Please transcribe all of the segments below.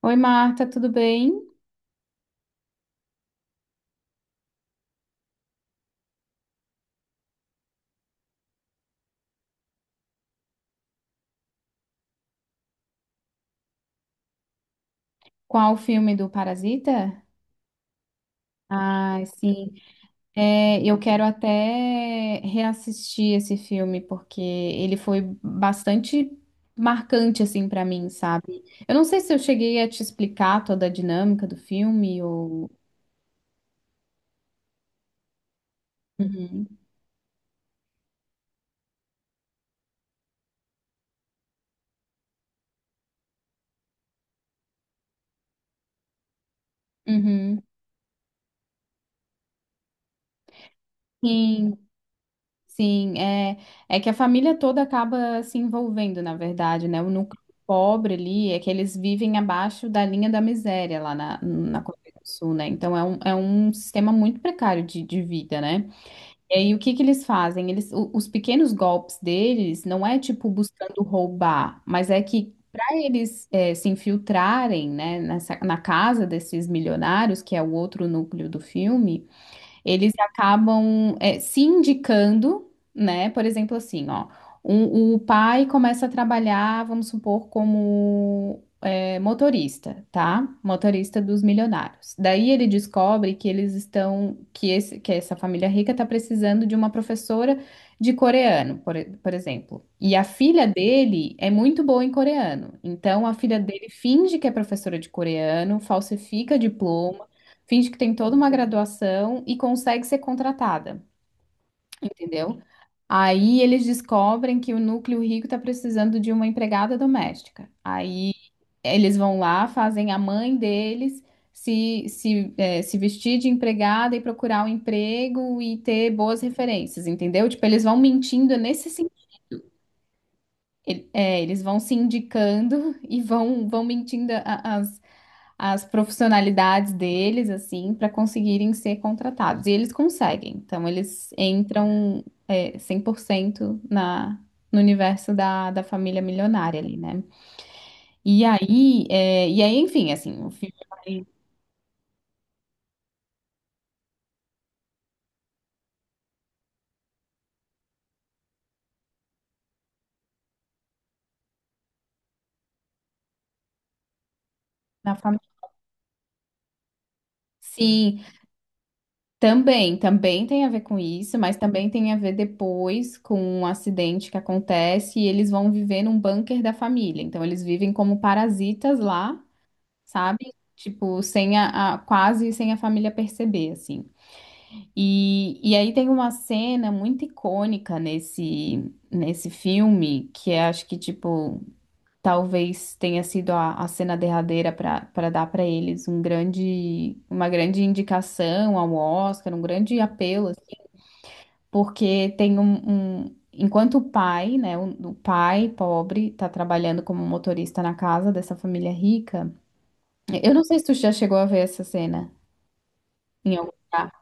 Oi, Marta, tudo bem? Qual o filme do Parasita? Ah, sim. É, eu quero até reassistir esse filme porque ele foi bastante marcante assim para mim, sabe? Eu não sei se eu cheguei a te explicar toda a dinâmica do filme ou. Uhum. Uhum. Sim, sim, é que a família toda acaba se envolvendo, na verdade, né? O núcleo pobre ali é que eles vivem abaixo da linha da miséria lá na Coreia do Sul, né? Então é um sistema muito precário de vida, né? E aí o que que eles fazem? Os pequenos golpes deles não é tipo buscando roubar, mas é que para eles se infiltrarem, né, na casa desses milionários, que é o outro núcleo do filme. Eles acabam se indicando, né? Por exemplo, assim, ó, o pai começa a trabalhar, vamos supor, como motorista, tá? Motorista dos milionários. Daí ele descobre que eles estão, que esse, que essa família rica está precisando de uma professora de coreano, por exemplo. E a filha dele é muito boa em coreano. Então a filha dele finge que é professora de coreano, falsifica diploma, finge que tem toda uma graduação e consegue ser contratada, entendeu? Aí eles descobrem que o núcleo rico está precisando de uma empregada doméstica. Aí eles vão lá, fazem a mãe deles se vestir de empregada e procurar um emprego e ter boas referências, entendeu? Tipo, eles vão mentindo nesse sentido. É, eles vão se indicando e vão mentindo as profissionalidades deles, assim, para conseguirem ser contratados. E eles conseguem. Então, eles entram, 100% no universo da família milionária ali, né? E aí, enfim, assim, o filme vai. Na família. Sim, também tem a ver com isso, mas também tem a ver depois com um acidente que acontece e eles vão viver num bunker da família. Então eles vivem como parasitas lá, sabe? Tipo, sem a, a- quase sem a família perceber, assim. E aí tem uma cena muito icônica nesse filme, que é, acho que, tipo, talvez tenha sido a cena derradeira para dar para eles uma grande indicação ao Oscar, um grande apelo, assim, porque tem enquanto o pai, né, o pai pobre está trabalhando como motorista na casa dessa família rica. Eu não sei se tu já chegou a ver essa cena em algum lugar,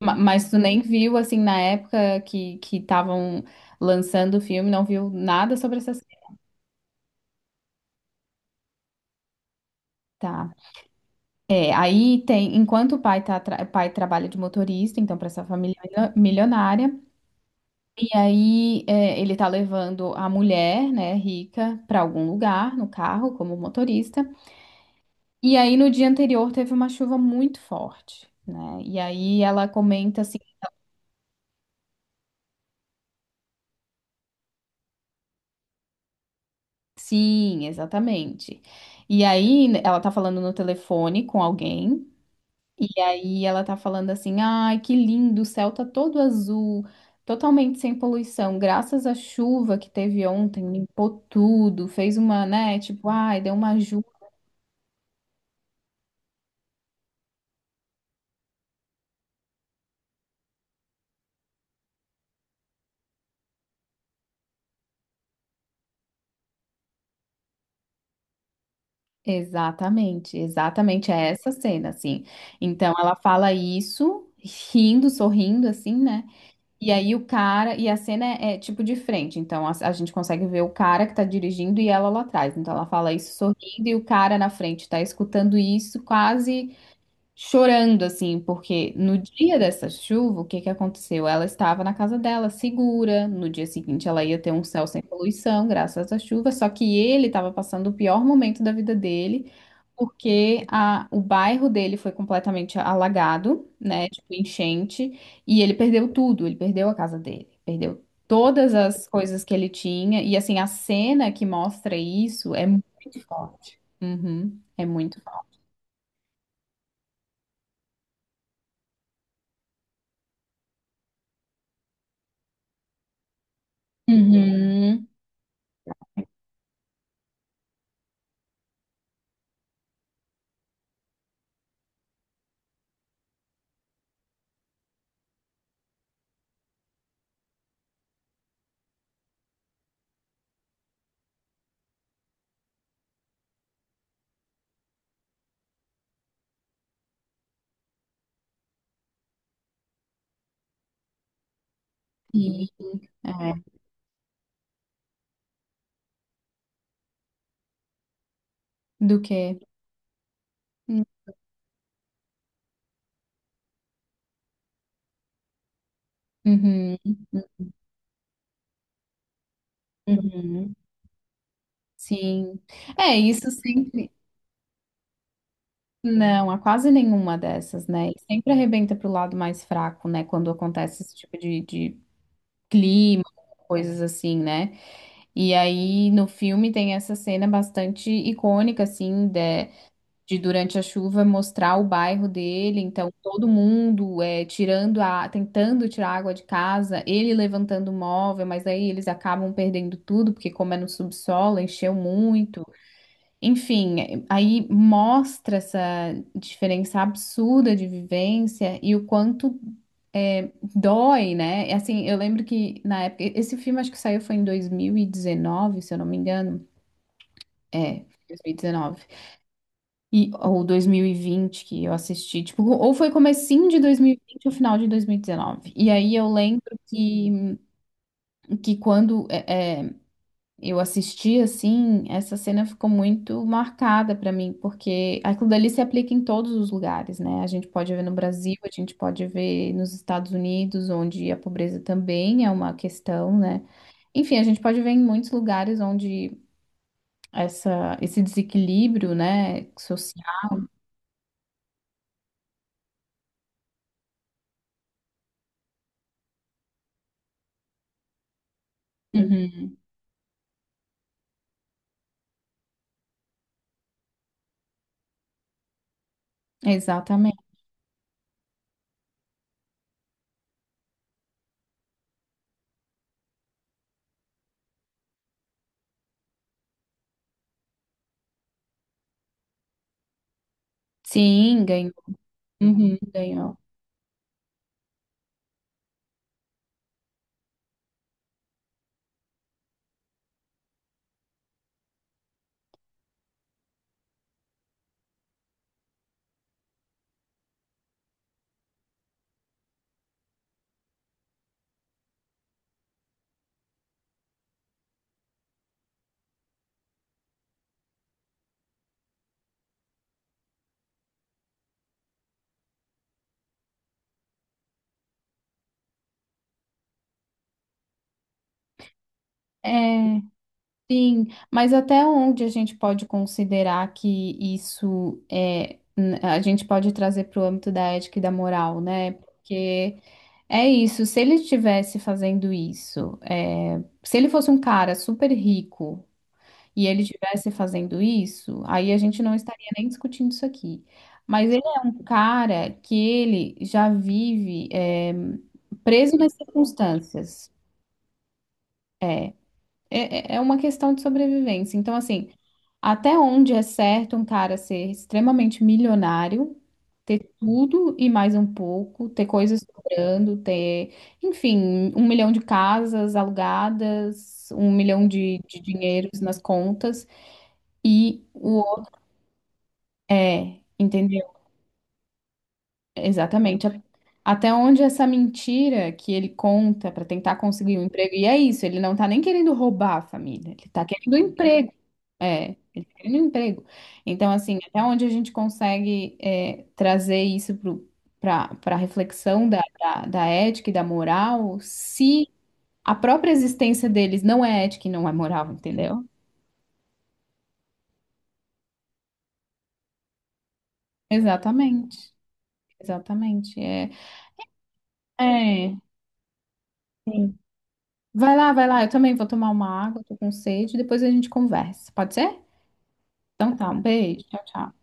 mas tu nem viu assim na época que estavam lançando o filme, não viu nada sobre essa cena. Tá. Aí tem, enquanto o pai, o pai trabalha de motorista, então para essa família milionária, e aí ele tá levando a mulher, né, rica, para algum lugar no carro como motorista. E aí no dia anterior teve uma chuva muito forte, né? E aí ela comenta assim. Sim, exatamente. E aí ela tá falando no telefone com alguém. E aí ela tá falando assim: ai, que lindo, o céu tá todo azul, totalmente sem poluição, graças à chuva que teve ontem, limpou tudo, fez uma, né, tipo, ai, deu uma ajuda. Exatamente, exatamente, é essa cena, assim. Então ela fala isso, rindo, sorrindo, assim, né? E aí o cara, e a cena é, tipo de frente, então a gente consegue ver o cara que tá dirigindo e ela lá atrás. Então ela fala isso sorrindo e o cara na frente tá escutando isso quase chorando assim, porque no dia dessa chuva, o que que aconteceu? Ela estava na casa dela, segura. No dia seguinte, ela ia ter um céu sem poluição, graças à chuva. Só que ele estava passando o pior momento da vida dele, porque o bairro dele foi completamente alagado, né? Tipo, enchente, e ele perdeu tudo. Ele perdeu a casa dele, perdeu todas as coisas que ele tinha. E assim, a cena que mostra isso é muito forte. Uhum, é muito forte. Uhum. Sim, é. Do que? Uhum, uhum, sim. É, isso sempre. Não, há quase nenhuma dessas, né? E sempre arrebenta pro lado mais fraco, né? Quando acontece esse tipo de clima, coisas assim, né? E aí no filme tem essa cena bastante icônica, assim, de durante a chuva mostrar o bairro dele, então todo mundo tentando tirar a água de casa, ele levantando o móvel, mas aí eles acabam perdendo tudo, porque como é no subsolo, encheu muito. Enfim, aí mostra essa diferença absurda de vivência e o quanto dói, né? E, assim, eu lembro que na época, esse filme acho que saiu foi em 2019, se eu não me engano. É, 2019. E, ou 2020 que eu assisti, tipo, ou foi comecinho de 2020 ou final de 2019. E dezenove. E aí eu lembro que quando eu assisti, assim, essa cena ficou muito marcada pra mim, porque aquilo dali se aplica em todos os lugares, né? A gente pode ver no Brasil, a gente pode ver nos Estados Unidos, onde a pobreza também é uma questão, né? Enfim, a gente pode ver em muitos lugares onde esse desequilíbrio, né, social. Uhum. Exatamente. Sim, ganhou. Uhum, ganhou. É, sim, mas até onde a gente pode considerar que isso a gente pode trazer para o âmbito da ética e da moral, né? Porque é isso, se ele estivesse fazendo isso, se ele fosse um cara super rico e ele estivesse fazendo isso, aí a gente não estaria nem discutindo isso aqui. Mas ele é um cara que ele já vive, preso nas circunstâncias. É, uma questão de sobrevivência. Então, assim, até onde é certo um cara ser extremamente milionário, ter tudo e mais um pouco, ter coisas sobrando, ter, enfim, um milhão de casas alugadas, um milhão de dinheiros nas contas. E o. É, entendeu? Exatamente. Até onde essa mentira que ele conta para tentar conseguir um emprego. E é isso, ele não tá nem querendo roubar a família, ele tá querendo um emprego. É, ele quer um emprego. Então, assim, até onde a gente consegue trazer isso para reflexão da ética e da moral, se a própria existência deles não é ética e não é moral, entendeu? Exatamente, exatamente. É, sim. Vai lá, eu também vou tomar uma água, tô com sede, depois a gente conversa, pode ser? Então tá, um beijo, tchau, tchau.